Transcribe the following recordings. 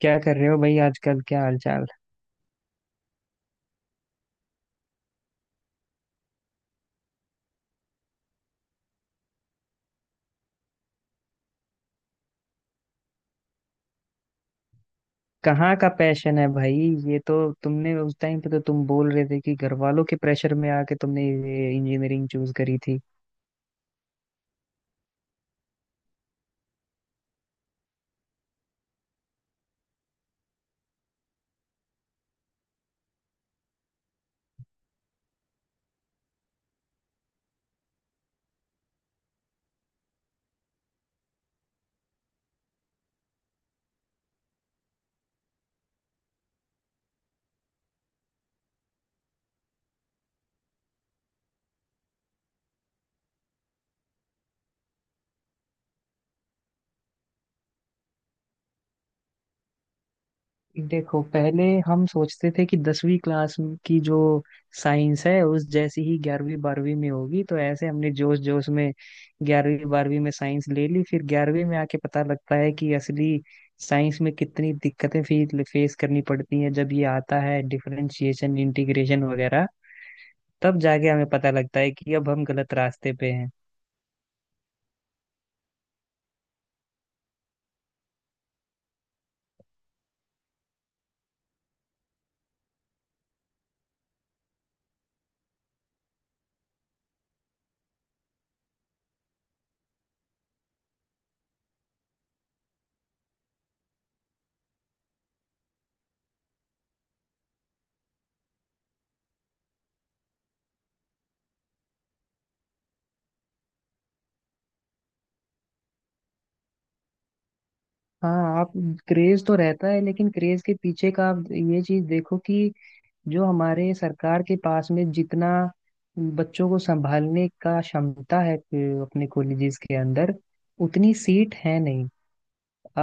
क्या कर रहे हो भाई? आजकल क्या हालचाल? कहाँ का पैशन है भाई? ये तो तुमने उस टाइम पे तो तुम बोल रहे थे कि घर वालों के प्रेशर में आके तुमने ये इंजीनियरिंग चूज करी थी। देखो, पहले हम सोचते थे कि दसवीं क्लास की जो साइंस है उस जैसी ही ग्यारहवीं बारहवीं में होगी, तो ऐसे हमने जोश जोश में ग्यारहवीं बारहवीं में साइंस ले ली। फिर ग्यारहवीं में आके पता लगता है कि असली साइंस में कितनी दिक्कतें फेस करनी पड़ती हैं, जब ये आता है डिफरेंशिएशन इंटीग्रेशन वगैरह। तब जाके हमें पता लगता है कि अब हम गलत रास्ते पे हैं। हाँ आप, क्रेज तो रहता है, लेकिन क्रेज के पीछे का आप ये चीज देखो कि जो हमारे सरकार के पास में जितना बच्चों को संभालने का क्षमता है, अपने कॉलेजेस के अंदर उतनी सीट है नहीं।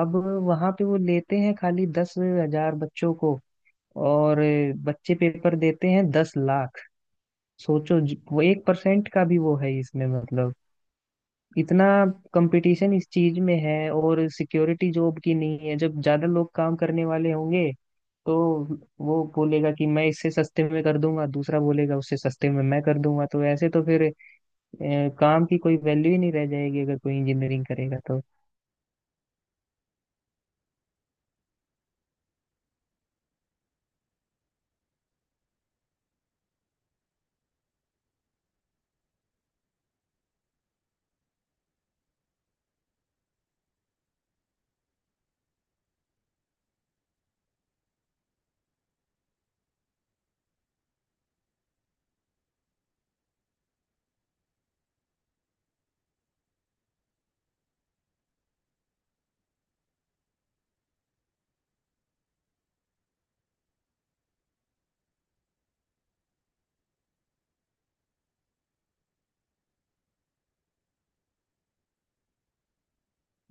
अब वहां पे वो लेते हैं खाली 10,000 बच्चों को, और बच्चे पेपर देते हैं 10 लाख। सोचो, वो 1% का भी वो है इसमें, मतलब इतना कंपटीशन इस चीज में है, और सिक्योरिटी जॉब की नहीं है। जब ज्यादा लोग काम करने वाले होंगे तो वो बोलेगा कि मैं इससे सस्ते में कर दूंगा, दूसरा बोलेगा उससे सस्ते में मैं कर दूंगा, तो ऐसे तो फिर काम की कोई वैल्यू ही नहीं रह जाएगी अगर कोई इंजीनियरिंग करेगा तो।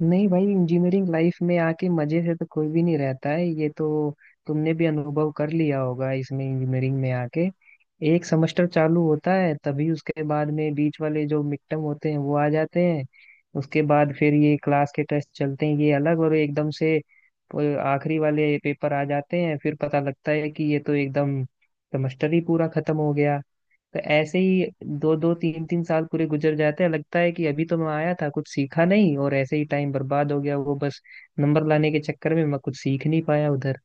नहीं भाई, इंजीनियरिंग लाइफ में आके मजे से तो कोई भी नहीं रहता है। ये तो तुमने भी अनुभव कर लिया होगा। इसमें इंजीनियरिंग में आके एक सेमेस्टर चालू होता है, तभी उसके बाद में बीच वाले जो मिड टर्म होते हैं वो आ जाते हैं। उसके बाद फिर ये क्लास के टेस्ट चलते हैं, ये अलग, और एकदम से वो आखिरी वाले पेपर आ जाते हैं। फिर पता लगता है कि ये तो एकदम सेमेस्टर ही पूरा खत्म हो गया। तो ऐसे ही दो दो तीन तीन साल पूरे गुजर जाते हैं। लगता है कि अभी तो मैं आया था, कुछ सीखा नहीं और ऐसे ही टाइम बर्बाद हो गया। वो बस नंबर लाने के चक्कर में मैं कुछ सीख नहीं पाया उधर।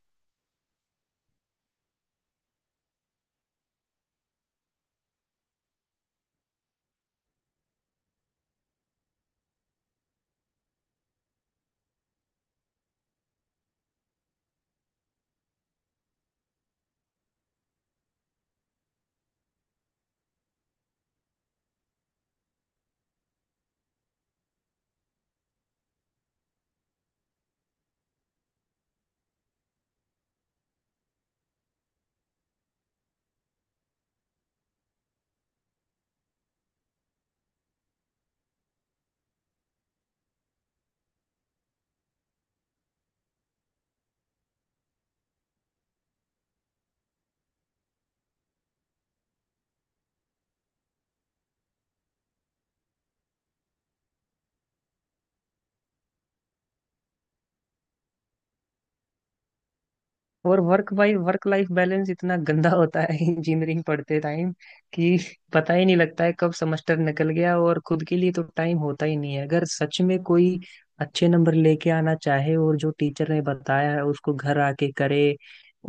और वर्क भाई, वर्क लाइफ बैलेंस इतना गंदा होता है इंजीनियरिंग पढ़ते टाइम, कि पता ही नहीं लगता है कब सेमेस्टर निकल गया। और खुद के लिए तो टाइम होता ही नहीं है, अगर सच में कोई अच्छे नंबर लेके आना चाहे और जो टीचर ने बताया है उसको घर आके करे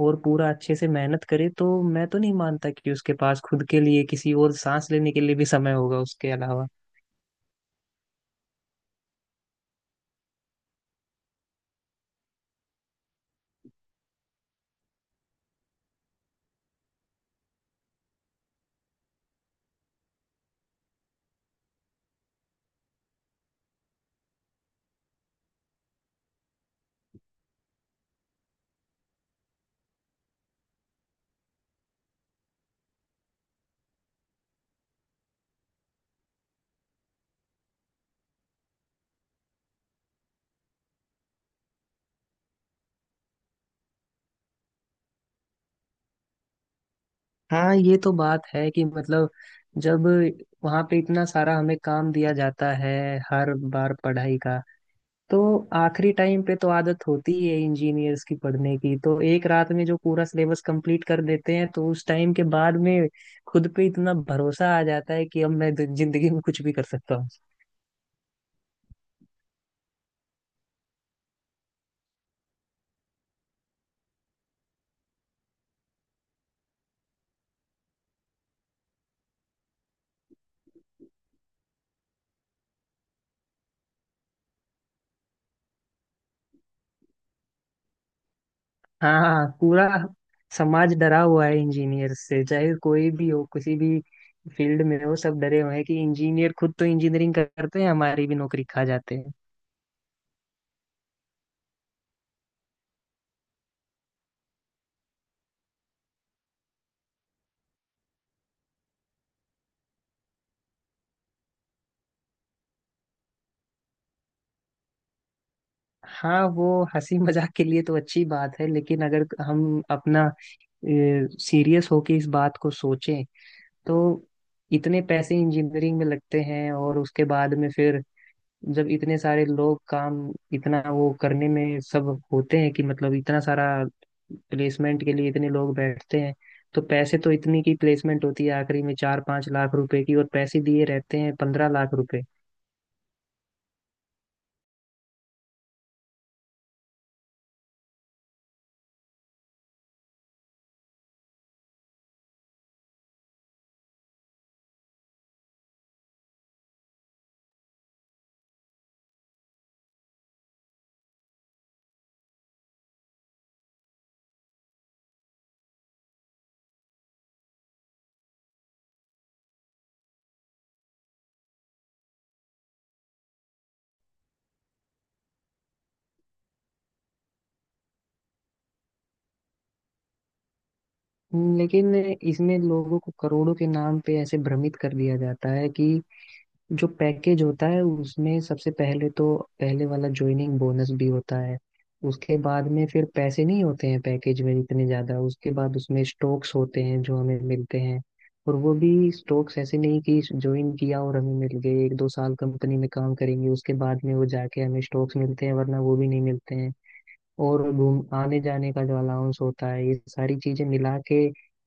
और पूरा अच्छे से मेहनत करे, तो मैं तो नहीं मानता कि उसके पास खुद के लिए किसी और सांस लेने के लिए भी समय होगा उसके अलावा। हाँ, ये तो बात है कि, मतलब, जब वहां पे इतना सारा हमें काम दिया जाता है हर बार पढ़ाई का, तो आखिरी टाइम पे तो आदत होती ही है इंजीनियर्स की पढ़ने की, तो एक रात में जो पूरा सिलेबस कंप्लीट कर देते हैं, तो उस टाइम के बाद में खुद पे इतना भरोसा आ जाता है कि अब मैं जिंदगी में कुछ भी कर सकता हूँ। हाँ, हाँ, पूरा समाज डरा हुआ है इंजीनियर से। चाहे कोई भी हो, किसी भी फील्ड में हो, सब डरे हुए हैं कि इंजीनियर खुद तो इंजीनियरिंग करते हैं, हमारी भी नौकरी खा जाते हैं। हाँ, वो हंसी मजाक के लिए तो अच्छी बात है, लेकिन अगर हम अपना सीरियस होके इस बात को सोचें, तो इतने पैसे इंजीनियरिंग में लगते हैं और उसके बाद में फिर जब इतने सारे लोग काम, इतना वो करने में सब होते हैं, कि मतलब इतना सारा, प्लेसमेंट के लिए इतने लोग बैठते हैं, तो पैसे तो, इतनी की प्लेसमेंट होती है आखिरी में 4-5 लाख रुपए की, और पैसे दिए रहते हैं 15 लाख रुपए। लेकिन इसमें लोगों को करोड़ों के नाम पे ऐसे भ्रमित कर दिया जाता है कि जो पैकेज होता है उसमें सबसे पहले तो पहले वाला ज्वाइनिंग बोनस भी होता है। उसके बाद में फिर पैसे नहीं होते हैं पैकेज में इतने ज्यादा। उसके बाद उसमें स्टॉक्स होते हैं जो हमें मिलते हैं, और वो भी स्टॉक्स ऐसे नहीं कि ज्वाइन किया और हमें मिल गए। 1-2 साल कंपनी में काम करेंगे उसके बाद में वो जाके हमें स्टॉक्स मिलते हैं, वरना वो भी नहीं मिलते हैं। और घूम आने जाने का जो अलाउंस होता है, ये सारी चीजें मिला के,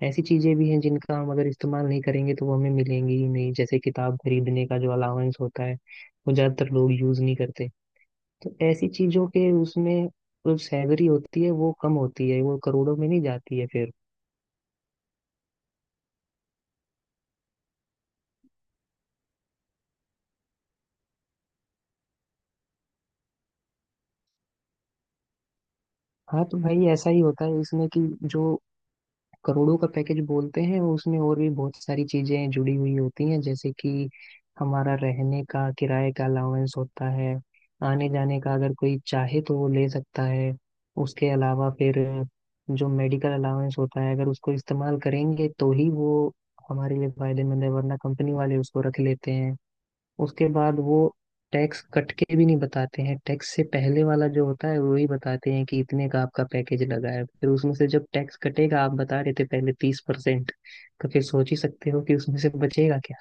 ऐसी चीजें भी हैं जिनका हम अगर इस्तेमाल नहीं करेंगे तो वो हमें मिलेंगी ही नहीं। जैसे किताब खरीदने का जो अलाउंस होता है, वो ज्यादातर लोग यूज नहीं करते। तो ऐसी चीजों के उसमें जो सैलरी होती है वो कम होती है, वो करोड़ों में नहीं जाती है फिर। हाँ तो भाई, ऐसा ही होता है इसमें कि जो करोड़ों का पैकेज बोलते हैं उसमें और भी बहुत सारी चीजें जुड़ी हुई होती हैं। जैसे कि हमारा रहने का किराए का अलाउंस होता है, आने जाने का अगर कोई चाहे तो वो ले सकता है। उसके अलावा फिर जो मेडिकल अलाउंस होता है, अगर उसको इस्तेमाल करेंगे तो ही वो हमारे लिए फायदेमंद है, वरना कंपनी वाले उसको रख लेते हैं। उसके बाद वो टैक्स कट के भी नहीं बताते हैं, टैक्स से पहले वाला जो होता है वही बताते हैं कि इतने का आपका पैकेज लगा है। फिर उसमें से जब टैक्स कटेगा, आप बता रहे थे पहले 30%, तो फिर सोच ही सकते हो कि उसमें से बचेगा क्या।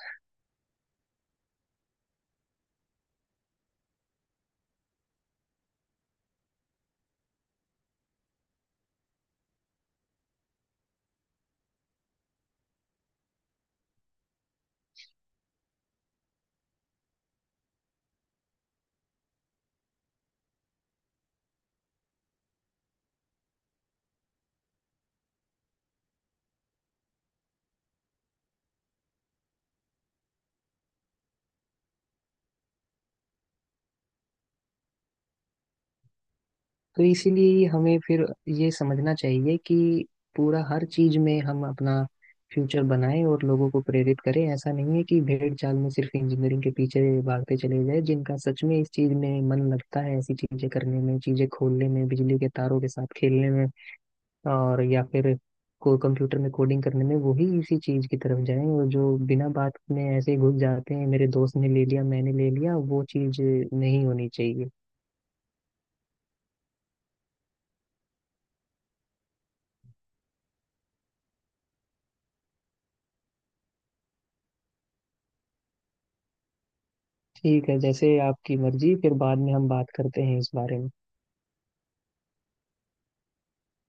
तो इसीलिए हमें फिर ये समझना चाहिए कि पूरा हर चीज में हम अपना फ्यूचर बनाएं और लोगों को प्रेरित करें। ऐसा नहीं है कि भेड़ चाल में सिर्फ इंजीनियरिंग के पीछे भागते चले जाए। जिनका सच में इस चीज में मन लगता है ऐसी चीजें करने में, चीजें खोलने में, बिजली के तारों के साथ खेलने में, और या फिर को कंप्यूटर में कोडिंग करने में, वो ही इसी चीज की तरफ जाएं। और जो बिना बात में ऐसे ही घुस जाते हैं, मेरे दोस्त ने ले लिया मैंने ले लिया, वो चीज नहीं होनी चाहिए। ठीक है, जैसे आपकी मर्जी, फिर बाद में हम बात करते हैं इस बारे में।